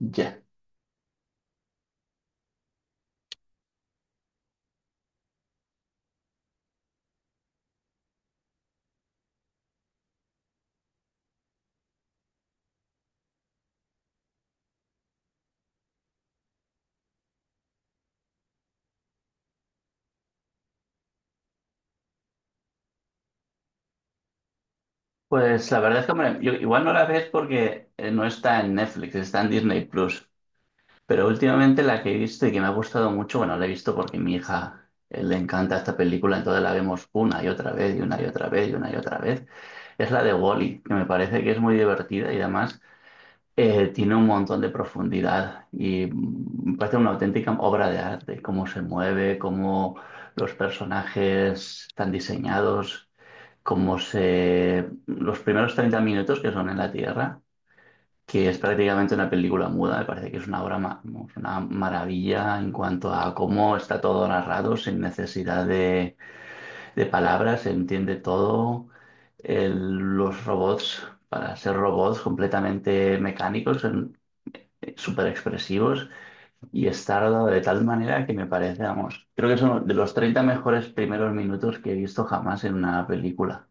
Ya. Pues la verdad es que hombre, yo igual no la ves porque no está en Netflix, está en Disney Plus. Pero últimamente la que he visto y que me ha gustado mucho, bueno, la he visto porque mi hija le encanta esta película, entonces la vemos una y otra vez y una y otra vez y una y otra vez. Es la de Wall-E, que me parece que es muy divertida y además tiene un montón de profundidad y me parece una auténtica obra de arte, cómo se mueve, cómo los personajes están diseñados. Como se, los primeros 30 minutos que son en la Tierra, que es prácticamente una película muda, me parece que es una obra, vamos, una maravilla en cuanto a cómo está todo narrado, sin necesidad de palabras, se entiende todo. El- los robots, para ser robots completamente mecánicos, son súper expresivos y está rodado de tal manera que me parece, vamos, creo que son de los 30 mejores primeros minutos que he visto jamás en una película.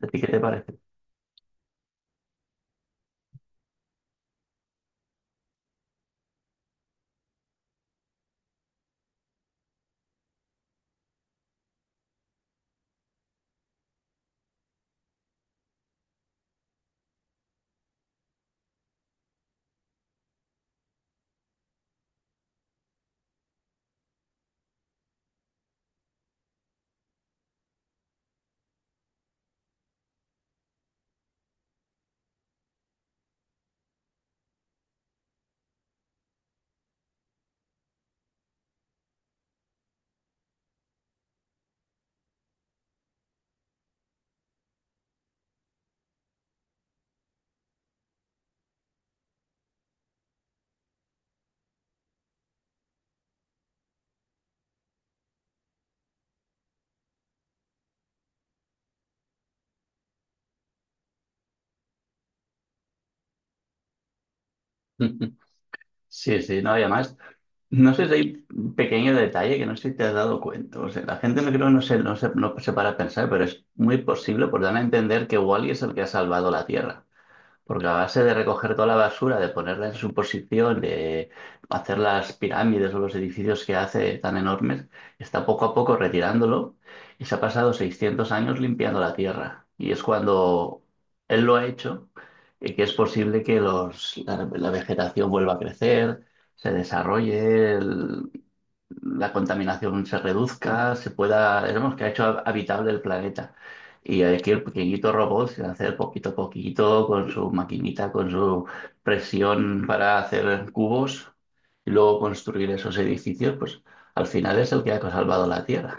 ¿A ti qué te parece? Sí, sí, no, y además, no sé si hay un pequeño detalle que no sé si te has dado cuenta. O sea, la gente no creo, no se para a pensar, pero es muy posible por dar a entender que Wally es el que ha salvado la Tierra. Porque a base de recoger toda la basura, de ponerla en su posición, de hacer las pirámides o los edificios que hace tan enormes, está poco a poco retirándolo y se ha pasado 600 años limpiando la tierra. Y es cuando él lo ha hecho que es posible que la vegetación vuelva a crecer, se desarrolle, la contaminación se reduzca, se pueda, digamos, que ha hecho habitable el planeta. Y aquí el pequeñito robot se hace poquito a poquito con su maquinita, con su presión para hacer cubos y luego construir esos edificios, pues al final es el que ha salvado la Tierra.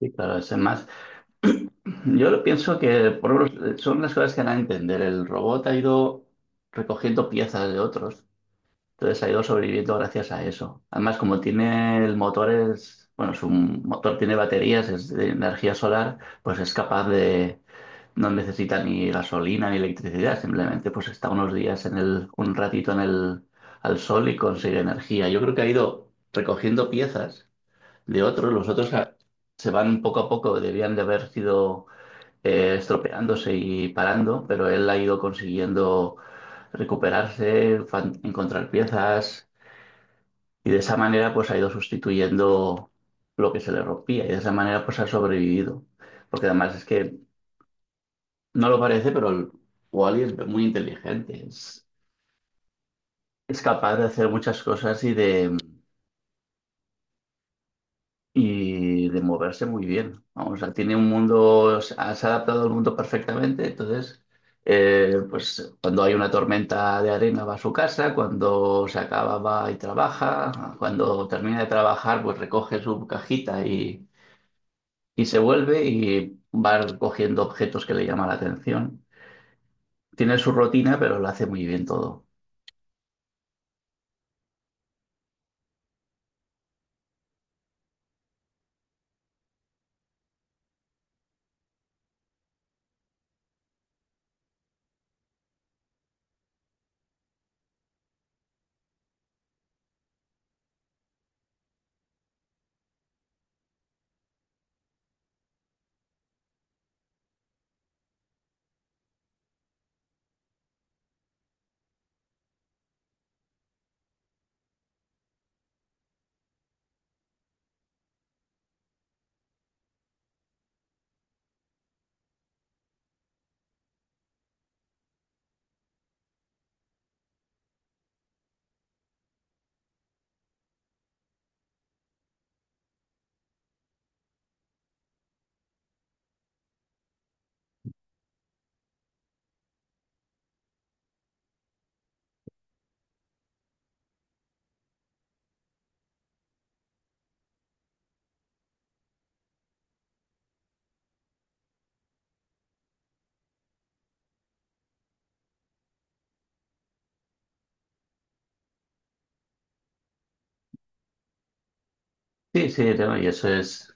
Y claro, es más. Yo lo pienso que por lo menos, son las cosas que van a entender. El robot ha ido recogiendo piezas de otros. Entonces ha ido sobreviviendo gracias a eso. Además, como tiene el motor, es, bueno, su motor tiene baterías, es de energía solar, pues es capaz de, no necesita ni gasolina ni electricidad, simplemente pues está unos días en el, un ratito en el, al sol y consigue energía. Yo creo que ha ido recogiendo piezas de otros, los otros se van poco a poco, debían de haber sido estropeándose y parando, pero él ha ido consiguiendo recuperarse, encontrar piezas y de esa manera pues ha ido sustituyendo lo que se le rompía y de esa manera pues ha sobrevivido. Porque además es que no lo parece, pero el Wally es muy inteligente, es capaz de hacer muchas cosas y de moverse muy bien. Vamos, o sea, tiene un mundo, se ha adaptado al mundo perfectamente, entonces pues cuando hay una tormenta de arena va a su casa, cuando se acaba va y trabaja, cuando termina de trabajar pues recoge su cajita. Y se vuelve y va cogiendo objetos que le llaman la atención. Tiene su rutina, pero lo hace muy bien todo. Sí, sí, no, y eso es,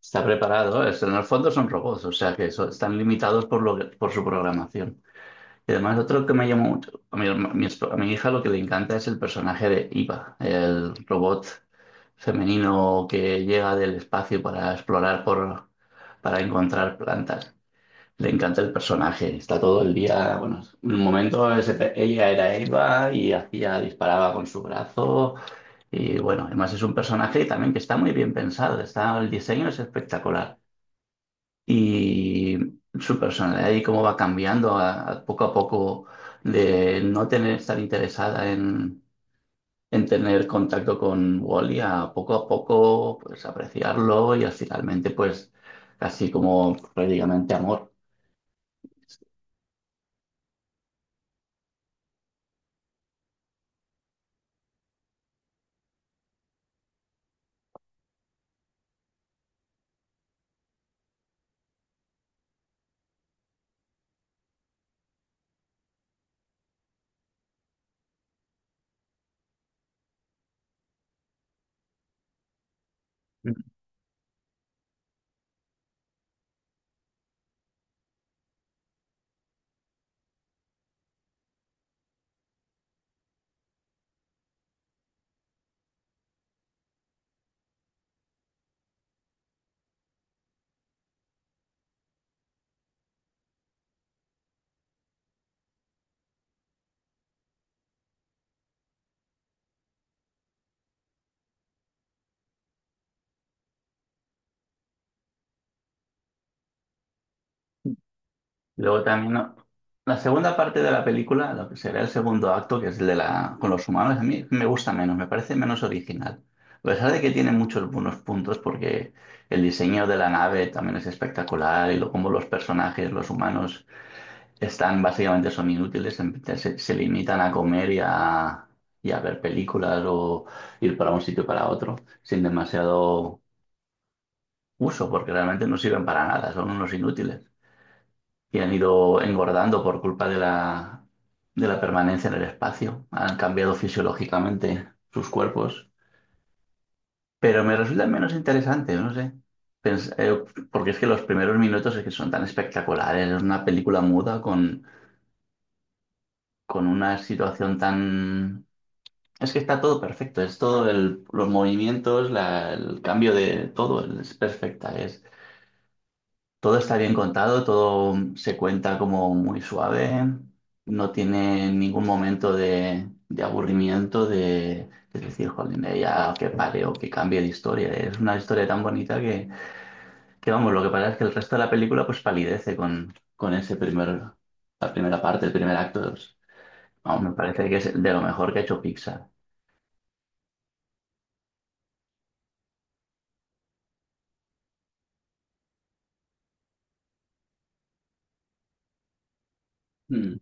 está preparado. En el fondo son robots, o sea que están limitados por, lo por su programación. Y además, otro que me llamó mucho, a mi, a mi hija lo que le encanta es el personaje de Iva, el robot femenino que llega del espacio para explorar por, para encontrar plantas. Le encanta el personaje, está todo el día, bueno, en un momento ese ella era Eva y hacía, disparaba con su brazo y bueno, además es un personaje también que está muy bien pensado, está, el diseño es espectacular y su personalidad y cómo va cambiando a poco de no tener, estar interesada en tener contacto con Wally a poco pues apreciarlo y finalmente pues casi como prácticamente amor. Luego también ¿no? La segunda parte de la película, lo que será el segundo acto, que es el de la con los humanos, a mí me gusta menos, me parece menos original. A pesar de que tiene muchos buenos puntos, porque el diseño de la nave también es espectacular y lo, como los personajes, los humanos, están básicamente son inútiles, se, se limitan a comer y a ver películas o ir para un sitio y para otro, sin demasiado uso, porque realmente no sirven para nada, son unos inútiles y han ido engordando por culpa de la permanencia en el espacio. Han cambiado fisiológicamente sus cuerpos, pero me resulta menos interesante, no sé. Pens- eh, Porque es que los primeros minutos es que son tan espectaculares, es una película muda con una situación tan... Es que está todo perfecto, es todo los movimientos, el cambio de todo, es perfecta. Todo está bien contado, todo se cuenta como muy suave, no tiene ningún momento de aburrimiento, de decir, jolín, ya que pare o que cambie de historia. Es una historia tan bonita que, vamos, lo que pasa es que el resto de la película pues palidece con ese primer, la primera parte, el primer acto. Vamos, me parece que es de lo mejor que ha hecho Pixar. Mm.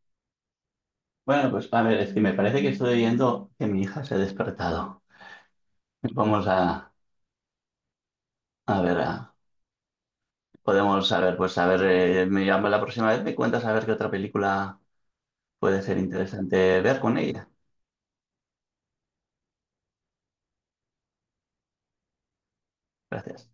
Bueno, pues a ver, es que me parece que estoy viendo que mi hija se ha despertado. Vamos a ver a. Podemos saber, pues a ver, me llamo la próxima vez, me cuentas a ver qué otra película puede ser interesante ver con ella. Gracias.